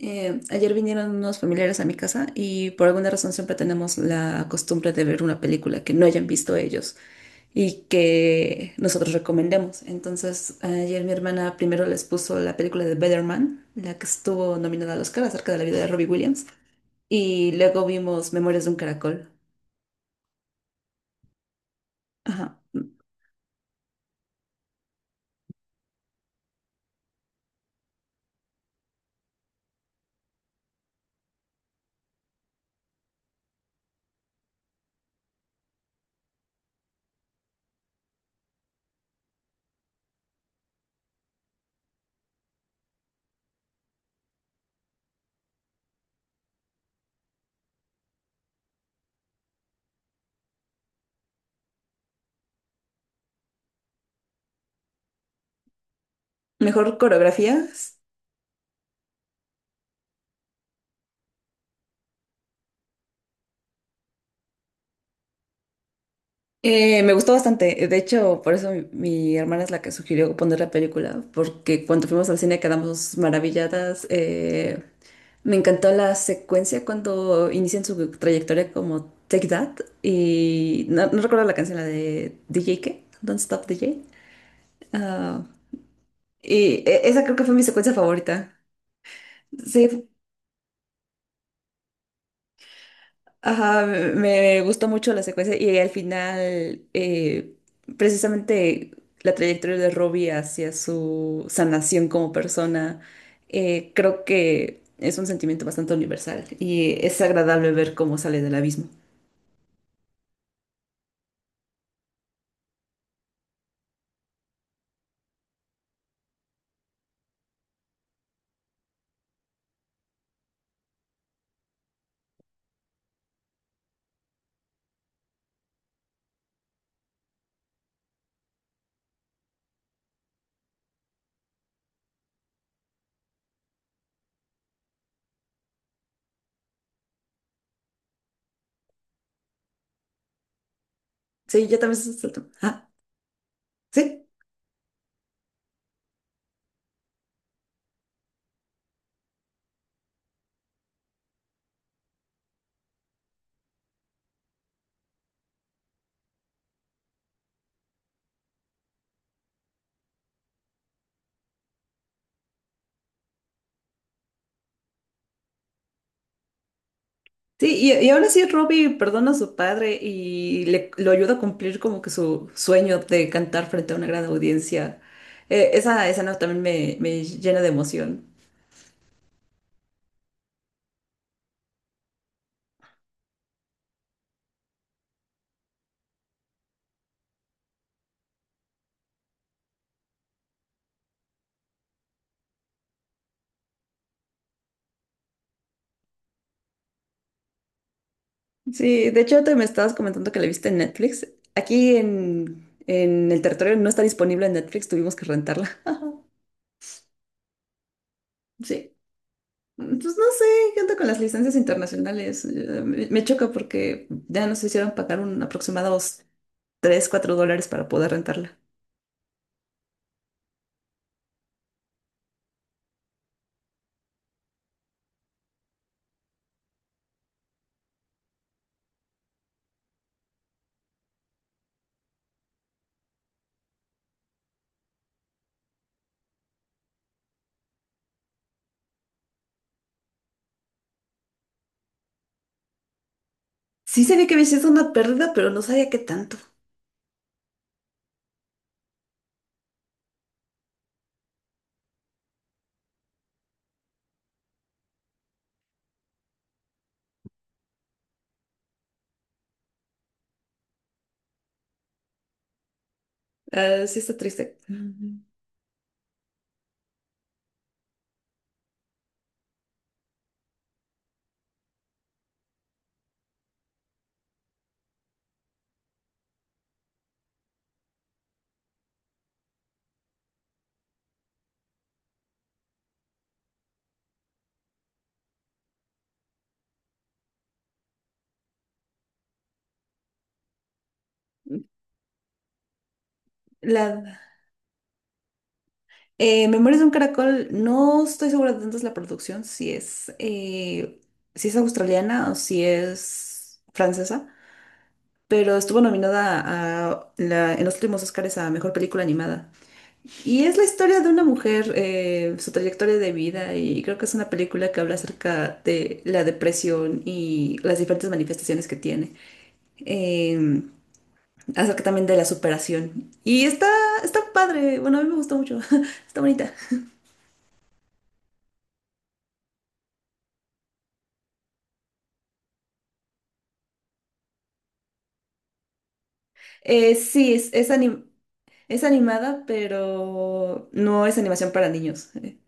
Ayer vinieron unos familiares a mi casa y por alguna razón siempre tenemos la costumbre de ver una película que no hayan visto ellos y que nosotros recomendemos. Entonces, ayer mi hermana primero les puso la película de Better Man, la que estuvo nominada al Oscar acerca de la vida de Robbie Williams, y luego vimos Memorias de un Caracol. Ajá. Mejor coreografías. Me gustó bastante. De hecho, por eso mi hermana es la que sugirió poner la película, porque cuando fuimos al cine quedamos maravilladas. Me encantó la secuencia cuando inician su trayectoria como Take That y no recuerdo la canción, la de DJ qué, Don't Stop DJ. Ah, y esa creo que fue mi secuencia favorita. Sí, ajá, me gustó mucho la secuencia y al final precisamente la trayectoria de Robbie hacia su sanación como persona. Creo que es un sentimiento bastante universal y es agradable ver cómo sale del abismo. Sí, yo también soy salto. Ah, sí, sí, y aún así Robbie perdona a su padre y lo ayuda a cumplir como que su sueño de cantar frente a una gran audiencia. Esa escena también me llena de emoción. Sí, de hecho te me estabas comentando que la viste en Netflix. Aquí en el territorio no está disponible en Netflix, tuvimos que rentarla. Sí. Mm, pues no sé, ¿qué onda con las licencias internacionales? Me choca porque ya nos hicieron pagar un aproximados 3 4 dólares para poder rentarla. Sí sabía que había sido una pérdida, pero no sabía qué tanto. Ah, sí está triste. Ujú. La Memorias de un caracol, no estoy segura de dónde es la producción, si es, si es australiana o si es francesa, pero estuvo nominada a en los últimos Oscars a Mejor Película Animada. Y es la historia de una mujer, su trayectoria de vida, y creo que es una película que habla acerca de la depresión y las diferentes manifestaciones que tiene. Eh, acerca también de la superación. Y está padre, bueno, a mí me gustó mucho, está bonita. Sí, es animada, pero no es animación para niños. Eh,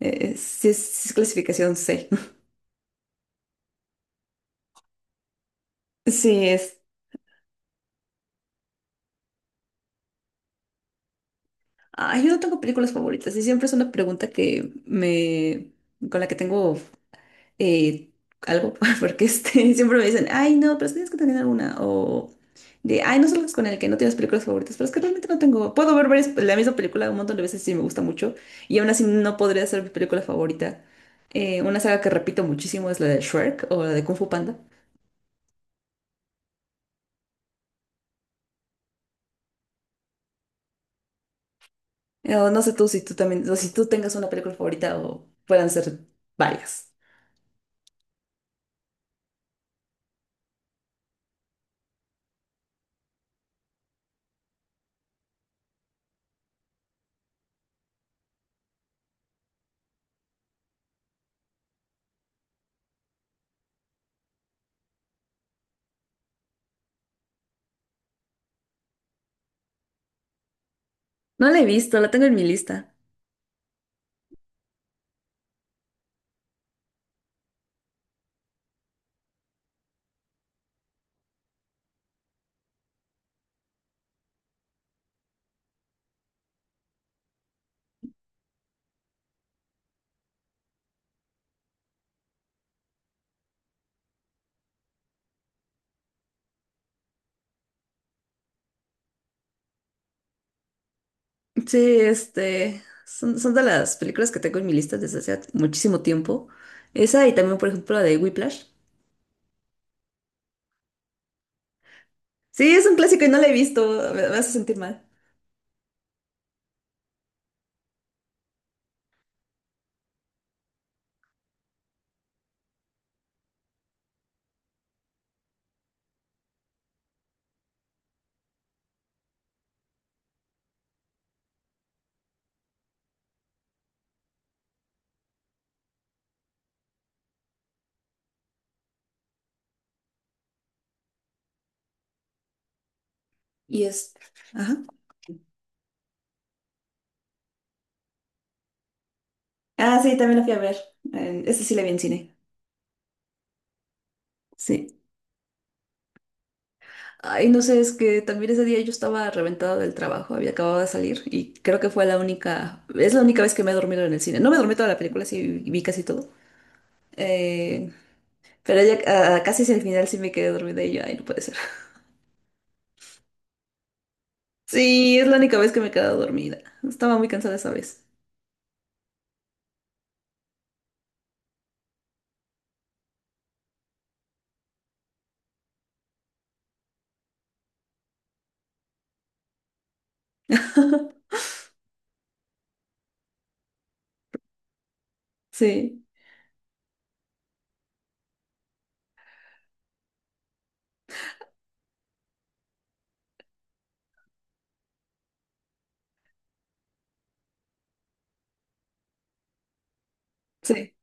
eh, Sí sí es clasificación C. Sí, es... Ay, yo no tengo películas favoritas y siempre es una pregunta que me... con la que tengo eh, algo, porque este, siempre me dicen, ay, no, pero es que tienes que tener alguna, o de, ay, no salgas con el que no tienes películas favoritas, pero es que realmente no tengo, puedo ver la misma película un montón de veces si me gusta mucho, y aún así no podría ser mi película favorita. Una saga que repito muchísimo es la de Shrek o la de Kung Fu Panda. O no sé tú si tú también, o si tú tengas una película favorita o puedan ser varias. No la he visto, la tengo en mi lista. Sí, este, son de las películas que tengo en mi lista desde hace muchísimo tiempo. Esa y también, por ejemplo, la de Whiplash. Sí, es un clásico y no la he visto, me hace sentir mal. Y es... Ajá. Ah, sí, también la fui a ver. Esa sí la vi en cine. Sí. Ay, no sé, es que también ese día yo estaba reventada del trabajo, había acabado de salir y creo que fue la única, es la única vez que me he dormido en el cine. No me dormí toda la película, sí vi casi todo. Eh, pero ya casi hacia el final sí me quedé dormida y yo, ay, no puede ser. Sí, es la única vez que me he quedado dormida. Estaba muy cansada esa vez. Sí, sí.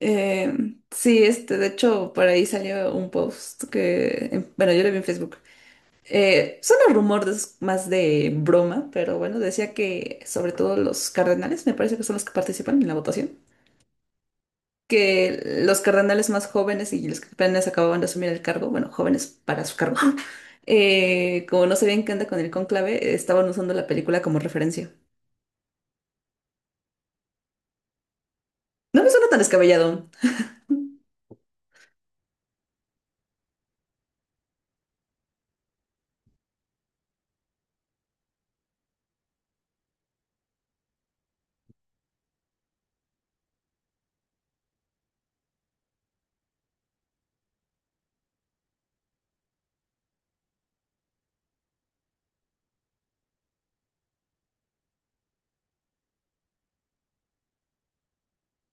Eh, sí, este, de hecho, por ahí salió un post que, bueno, yo lo vi en Facebook. Son los rumores más de broma, pero bueno, decía que sobre todo los cardenales, me parece que son los que participan en la votación, que los cardenales más jóvenes y los que apenas acababan de asumir el cargo, bueno, jóvenes para su cargo, como no sabían qué anda con el cónclave, estaban usando la película como referencia. No me suena tan descabellado.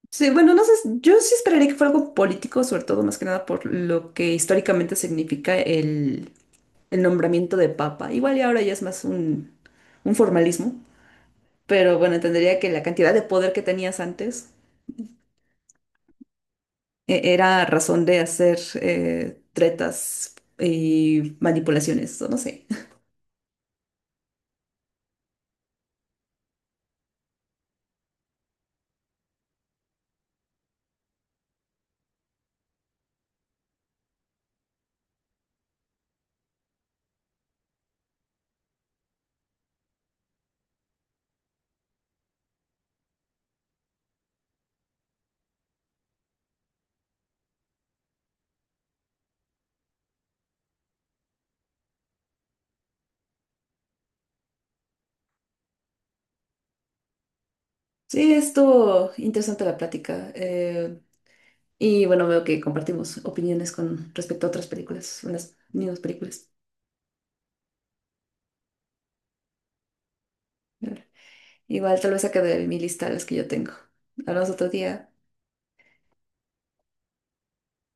Sí, bueno, no sé, yo sí esperaría que fuera algo político, sobre todo más que nada por lo que históricamente significa el nombramiento de papa. Igual y ahora ya es más un formalismo, pero bueno, entendería que la cantidad de poder que tenías antes era razón de hacer tretas y manipulaciones, o no sé. Sí, esto interesante la plática. Y bueno, veo que compartimos opiniones con respecto a otras películas, unas mismas películas. Igual tal vez saque de mi lista las que yo tengo. Hablamos otro día.